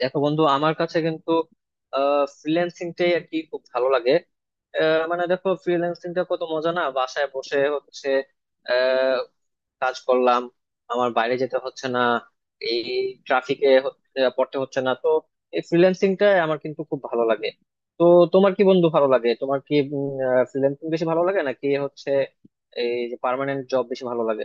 দেখো বন্ধু আমার কাছে কিন্তু ফ্রিল্যান্সিংটাই আর কি খুব ভালো লাগে। মানে দেখো ফ্রিল্যান্সিংটা কত মজা না, বাসায় বসে হচ্ছে, আহ, কাজ করলাম, আমার বাইরে যেতে হচ্ছে না, এই ট্রাফিকে পড়তে হচ্ছে না তো। এই ফ্রিল্যান্সিংটা আমার কিন্তু খুব ভালো লাগে। তো তোমার কি বন্ধু ভালো লাগে, তোমার কি ফ্রিল্যান্সিং বেশি ভালো লাগে নাকি হচ্ছে এই যে পার্মানেন্ট জব বেশি ভালো লাগে?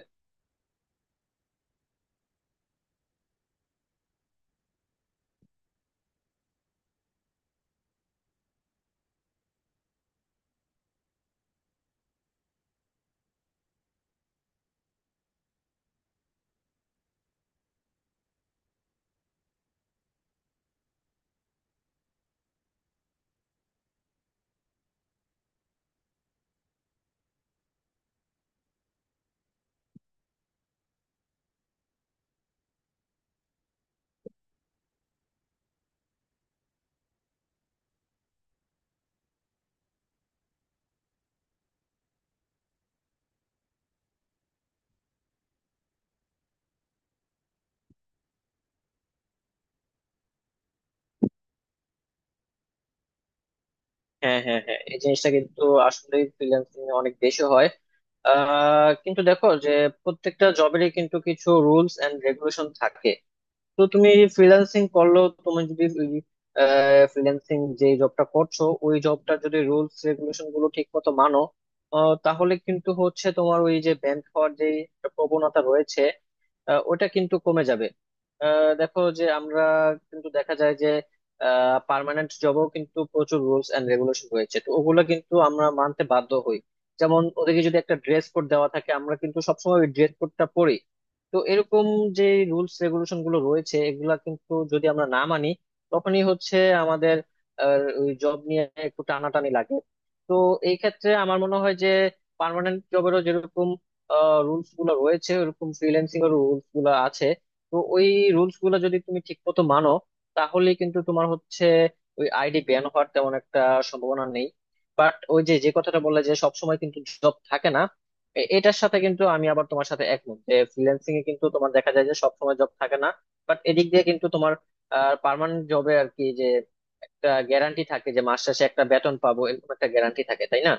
হ্যাঁ, হ্যাঁ, হ্যাঁ, এই জিনিসটা কিন্তু আসলে ফ্রিল্যান্সিং অনেক বেশি হয়। কিন্তু দেখো যে প্রত্যেকটা জবেরই কিন্তু কিছু রুলস এন্ড রেগুলেশন থাকে। তো তুমি ফ্রিল্যান্সিং করলো, তুমি যদি ফ্রিল্যান্সিং যে জবটা করছো ওই জবটা যদি রুলস রেগুলেশন গুলো ঠিক মতো মানো, তাহলে কিন্তু হচ্ছে তোমার ওই যে ব্যাংক হওয়ার যে একটা প্রবণতা রয়েছে, ওটা কিন্তু কমে যাবে। দেখো যে আমরা কিন্তু দেখা যায় যে পার্মানেন্ট জবেও কিন্তু প্রচুর রুলস এন্ড রেগুলেশন রয়েছে, তো ওগুলো কিন্তু আমরা মানতে বাধ্য হই। যেমন ওদেরকে যদি একটা ড্রেস কোড দেওয়া থাকে আমরা কিন্তু সবসময় ওই ড্রেস কোডটা পরি। তো এরকম যে রুলস রেগুলেশন গুলো রয়েছে এগুলা কিন্তু যদি আমরা না মানি তখনই হচ্ছে আমাদের ওই জব নিয়ে একটু টানাটানি লাগে। তো এই ক্ষেত্রে আমার মনে হয় যে পার্মানেন্ট জবেরও যেরকম রুলস গুলো রয়েছে ওরকম ফ্রিল্যান্সিং এর রুলস গুলো আছে। তো ওই রুলস গুলো যদি তুমি ঠিক মতো মানো তাহলে কিন্তু তোমার হচ্ছে ওই আইডি ব্যান হওয়ার তেমন একটা সম্ভাবনা নেই। বাট ওই যে যে কথাটা বললে যে সবসময় কিন্তু জব থাকে না, এটার সাথে কিন্তু আমি আবার তোমার সাথে একমত যে ফ্রিল্যান্সিং এ কিন্তু তোমার দেখা যায় যে সবসময় জব থাকে না। বাট এদিক দিয়ে কিন্তু তোমার পার্মানেন্ট জবে আর কি যে একটা গ্যারান্টি থাকে যে মাস শেষে একটা বেতন পাবো, এরকম একটা গ্যারান্টি থাকে, তাই না?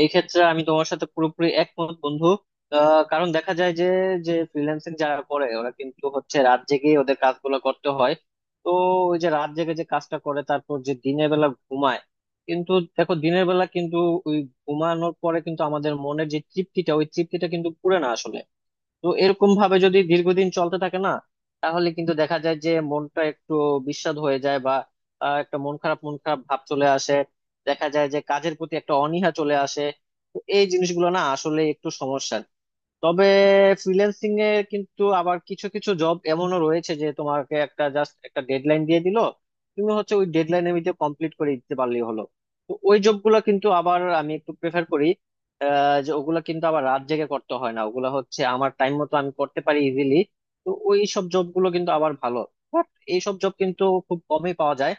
এই ক্ষেত্রে আমি তোমার সাথে পুরোপুরি একমত বন্ধু। কারণ দেখা যায় যে যে ফ্রিল্যান্সিং যারা করে ওরা কিন্তু হচ্ছে রাত জেগে ওদের কাজগুলো করতে হয়। তো ওই যে রাত জেগে যে কাজটা করে তারপর যে দিনের বেলা ঘুমায়, কিন্তু দেখো দিনের বেলা কিন্তু ওই ঘুমানোর পরে কিন্তু আমাদের মনের যে তৃপ্তিটা, ওই তৃপ্তিটা কিন্তু পুরে না আসলে। তো এরকম ভাবে যদি দীর্ঘদিন চলতে থাকে না, তাহলে কিন্তু দেখা যায় যে মনটা একটু বিস্বাদ হয়ে যায় বা একটা মন খারাপ মন খারাপ ভাব চলে আসে, দেখা যায় যে কাজের প্রতি একটা অনীহা চলে আসে। তো এই জিনিসগুলো না আসলে একটু সমস্যা। তবে ফ্রিল্যান্সিং এ কিন্তু আবার কিছু কিছু জব এমনও রয়েছে যে তোমাকে একটা জাস্ট একটা ডেডলাইন দিয়ে দিল, তুমি হচ্ছে ওই ডেডলাইনের ভিতরে কমপ্লিট করে দিতে পারলেই হলো। তো ওই জবগুলো কিন্তু আবার আমি একটু প্রেফার করি, যে ওগুলা কিন্তু আবার রাত জেগে করতে হয় না, ওগুলা হচ্ছে আমার টাইম মতো আমি করতে পারি ইজিলি। তো ওই সব জবগুলো কিন্তু আবার ভালো। বাট এই সব জব কিন্তু খুব কমই পাওয়া যায়।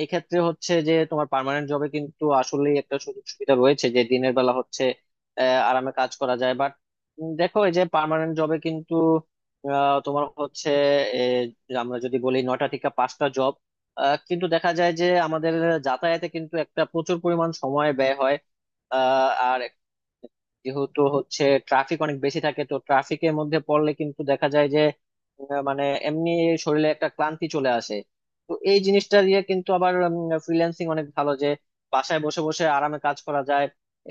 এই ক্ষেত্রে হচ্ছে যে তোমার পার্মানেন্ট জবে কিন্তু আসলে একটা সুযোগ সুবিধা রয়েছে যে দিনের বেলা হচ্ছে আরামে কাজ করা যায়। দেখো এই যে পার্মানেন্ট জবে কিন্তু তোমার হচ্ছে এ, আমরা যদি বলি 9টা থেকে 5টা জব, কিন্তু দেখা যায় যে আমাদের যাতায়াতে কিন্তু একটা প্রচুর পরিমাণ সময় ব্যয় হয়। আর যেহেতু হচ্ছে ট্রাফিক অনেক বেশি থাকে তো ট্রাফিকের মধ্যে পড়লে কিন্তু দেখা যায় যে মানে এমনি শরীরে একটা ক্লান্তি চলে আসে। তো এই জিনিসটা দিয়ে কিন্তু আবার ফ্রিল্যান্সিং অনেক ভালো যে বাসায় বসে বসে আরামে কাজ করা যায়।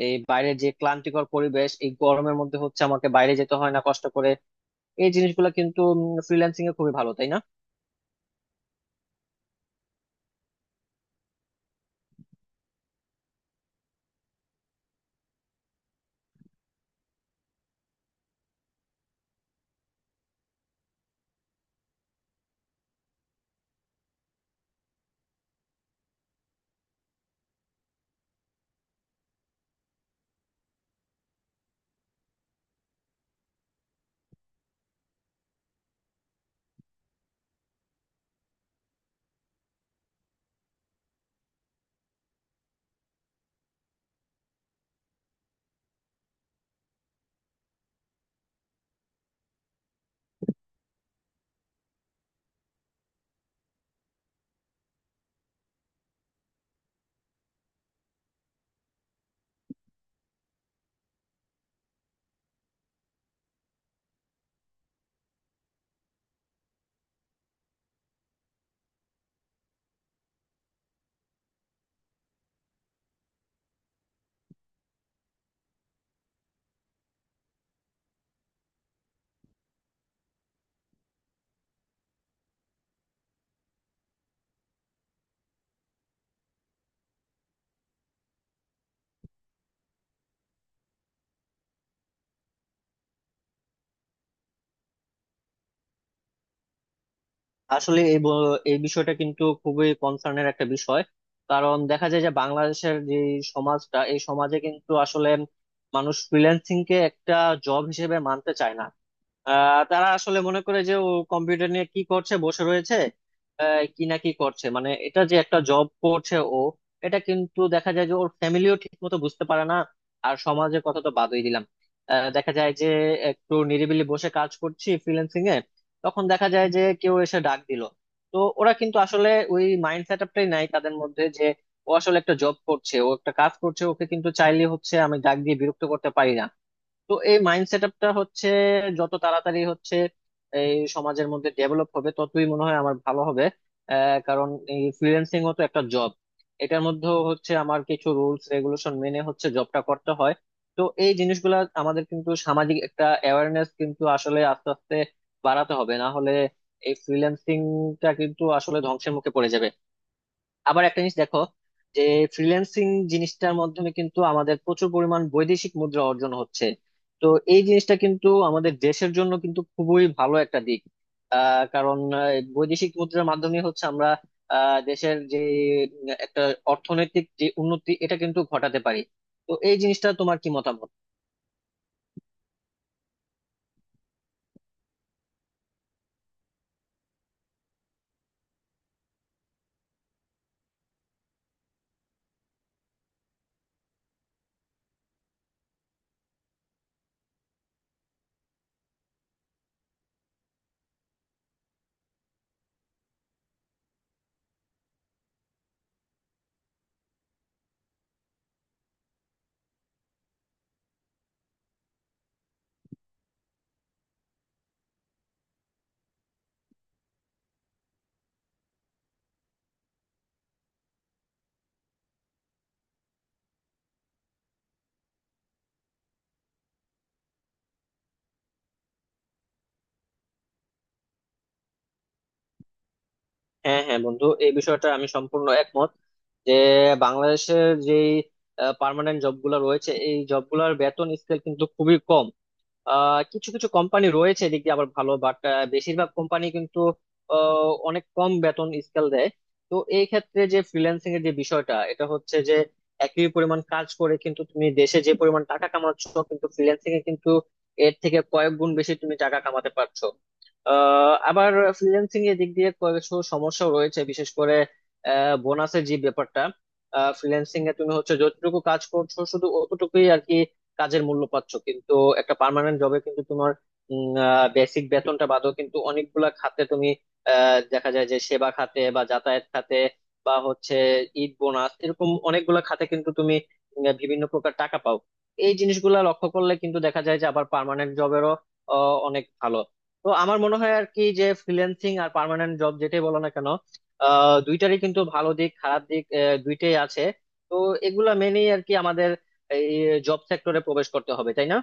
এই বাইরে যে ক্লান্তিকর পরিবেশ, এই গরমের মধ্যে হচ্ছে আমাকে বাইরে যেতে হয় না কষ্ট করে। এই জিনিসগুলো কিন্তু ফ্রিল্যান্সিং এ খুবই ভালো, তাই না? আসলে এই এই বিষয়টা কিন্তু খুবই কনসার্নের একটা বিষয়। কারণ দেখা যায় যে বাংলাদেশের যে সমাজটা, এই সমাজে কিন্তু আসলে মানুষ ফ্রিল্যান্সিং কে একটা জব হিসেবে মানতে চায় না। তারা আসলে মনে করে যে ও কম্পিউটার নিয়ে কি করছে, বসে রয়েছে, কি না কি করছে, মানে এটা যে একটা জব করছে ও, এটা কিন্তু দেখা যায় যে ওর ফ্যামিলিও ঠিক মতো বুঝতে পারে না, আর সমাজের কথা তো বাদই দিলাম। দেখা যায় যে একটু নিরিবিলি বসে কাজ করছি ফ্রিল্যান্সিং এ, তখন দেখা যায় যে কেউ এসে ডাক দিল। তো ওরা কিন্তু আসলে ওই মাইন্ড সেট আপটাই নাই তাদের মধ্যে যে ও আসলে একটা জব করছে, ও একটা কাজ করছে, ওকে কিন্তু চাইলে হচ্ছে আমি ডাক দিয়ে বিরক্ত করতে পারি না। তো এই মাইন্ড সেট আপটা হচ্ছে যত তাড়াতাড়ি হচ্ছে এই সমাজের মধ্যে ডেভেলপ হবে ততই মনে হয় আমার ভালো হবে। কারণ এই ফ্রিল্যান্সিং ও তো একটা জব, এটার মধ্যেও হচ্ছে আমার কিছু রুলস রেগুলেশন মেনে হচ্ছে জবটা করতে হয়। তো এই জিনিসগুলা আমাদের কিন্তু সামাজিক একটা অ্যাওয়ারনেস কিন্তু আসলে আস্তে আস্তে বাড়াতে হবে, না হলে এই ফ্রিল্যান্সিংটা কিন্তু আসলে ধ্বংসের মুখে পড়ে যাবে। আবার একটা জিনিস দেখো যে ফ্রিল্যান্সিং জিনিসটার মাধ্যমে কিন্তু আমাদের প্রচুর পরিমাণ বৈদেশিক মুদ্রা অর্জন হচ্ছে। তো এই জিনিসটা কিন্তু আমাদের দেশের জন্য কিন্তু খুবই ভালো একটা দিক। কারণ এই বৈদেশিক মুদ্রার মাধ্যমে হচ্ছে আমরা দেশের যে একটা অর্থনৈতিক যে উন্নতি এটা কিন্তু ঘটাতে পারি। তো এই জিনিসটা তোমার কি মতামত? হ্যাঁ, হ্যাঁ বন্ধু, এই বিষয়টা আমি সম্পূর্ণ একমত যে বাংলাদেশের যে পার্মানেন্ট জবগুলো রয়েছে এই জবগুলোর বেতন স্কেল কিন্তু খুবই কম। কিছু কিছু কোম্পানি রয়েছে এদিক দিয়ে আবার ভালো, বাট বেশিরভাগ কোম্পানি কিন্তু অনেক কম বেতন স্কেল দেয়। তো এই ক্ষেত্রে যে ফ্রিল্যান্সিং এর যে বিষয়টা, এটা হচ্ছে যে একই পরিমাণ কাজ করে কিন্তু তুমি দেশে যে পরিমাণ টাকা কামাচ্ছ, কিন্তু ফ্রিল্যান্সিং এ কিন্তু এর থেকে কয়েক গুণ বেশি তুমি টাকা কামাতে পারছো। আবার ফ্রিল্যান্সিং এর দিক দিয়ে কিছু সমস্যাও রয়েছে, বিশেষ করে বোনাসের যে ব্যাপারটা, ফ্রিল্যান্সিং এ তুমি হচ্ছে যতটুকু কাজ করছো শুধু অতটুকুই আর কি কাজের মূল্য পাচ্ছ। কিন্তু একটা পার্মানেন্ট জবে কিন্তু তোমার বেসিক বেতনটা বাদও কিন্তু অনেকগুলা খাতে তুমি দেখা যায় যে সেবা খাতে বা যাতায়াত খাতে বা হচ্ছে ঈদ বোনাস, এরকম অনেকগুলা খাতে কিন্তু তুমি বিভিন্ন প্রকার টাকা পাও। এই জিনিসগুলা লক্ষ্য করলে কিন্তু দেখা যায় যে আবার পার্মানেন্ট জবেরও অনেক ভালো। তো আমার মনে হয় আর কি যে ফ্রিল্যান্সিং আর পার্মানেন্ট জব যেটাই বলো না কেন, দুইটারই কিন্তু ভালো দিক খারাপ দিক দুইটাই আছে। তো এগুলা মেনেই আর কি আমাদের এই জব সেক্টরে প্রবেশ করতে হবে, তাই না?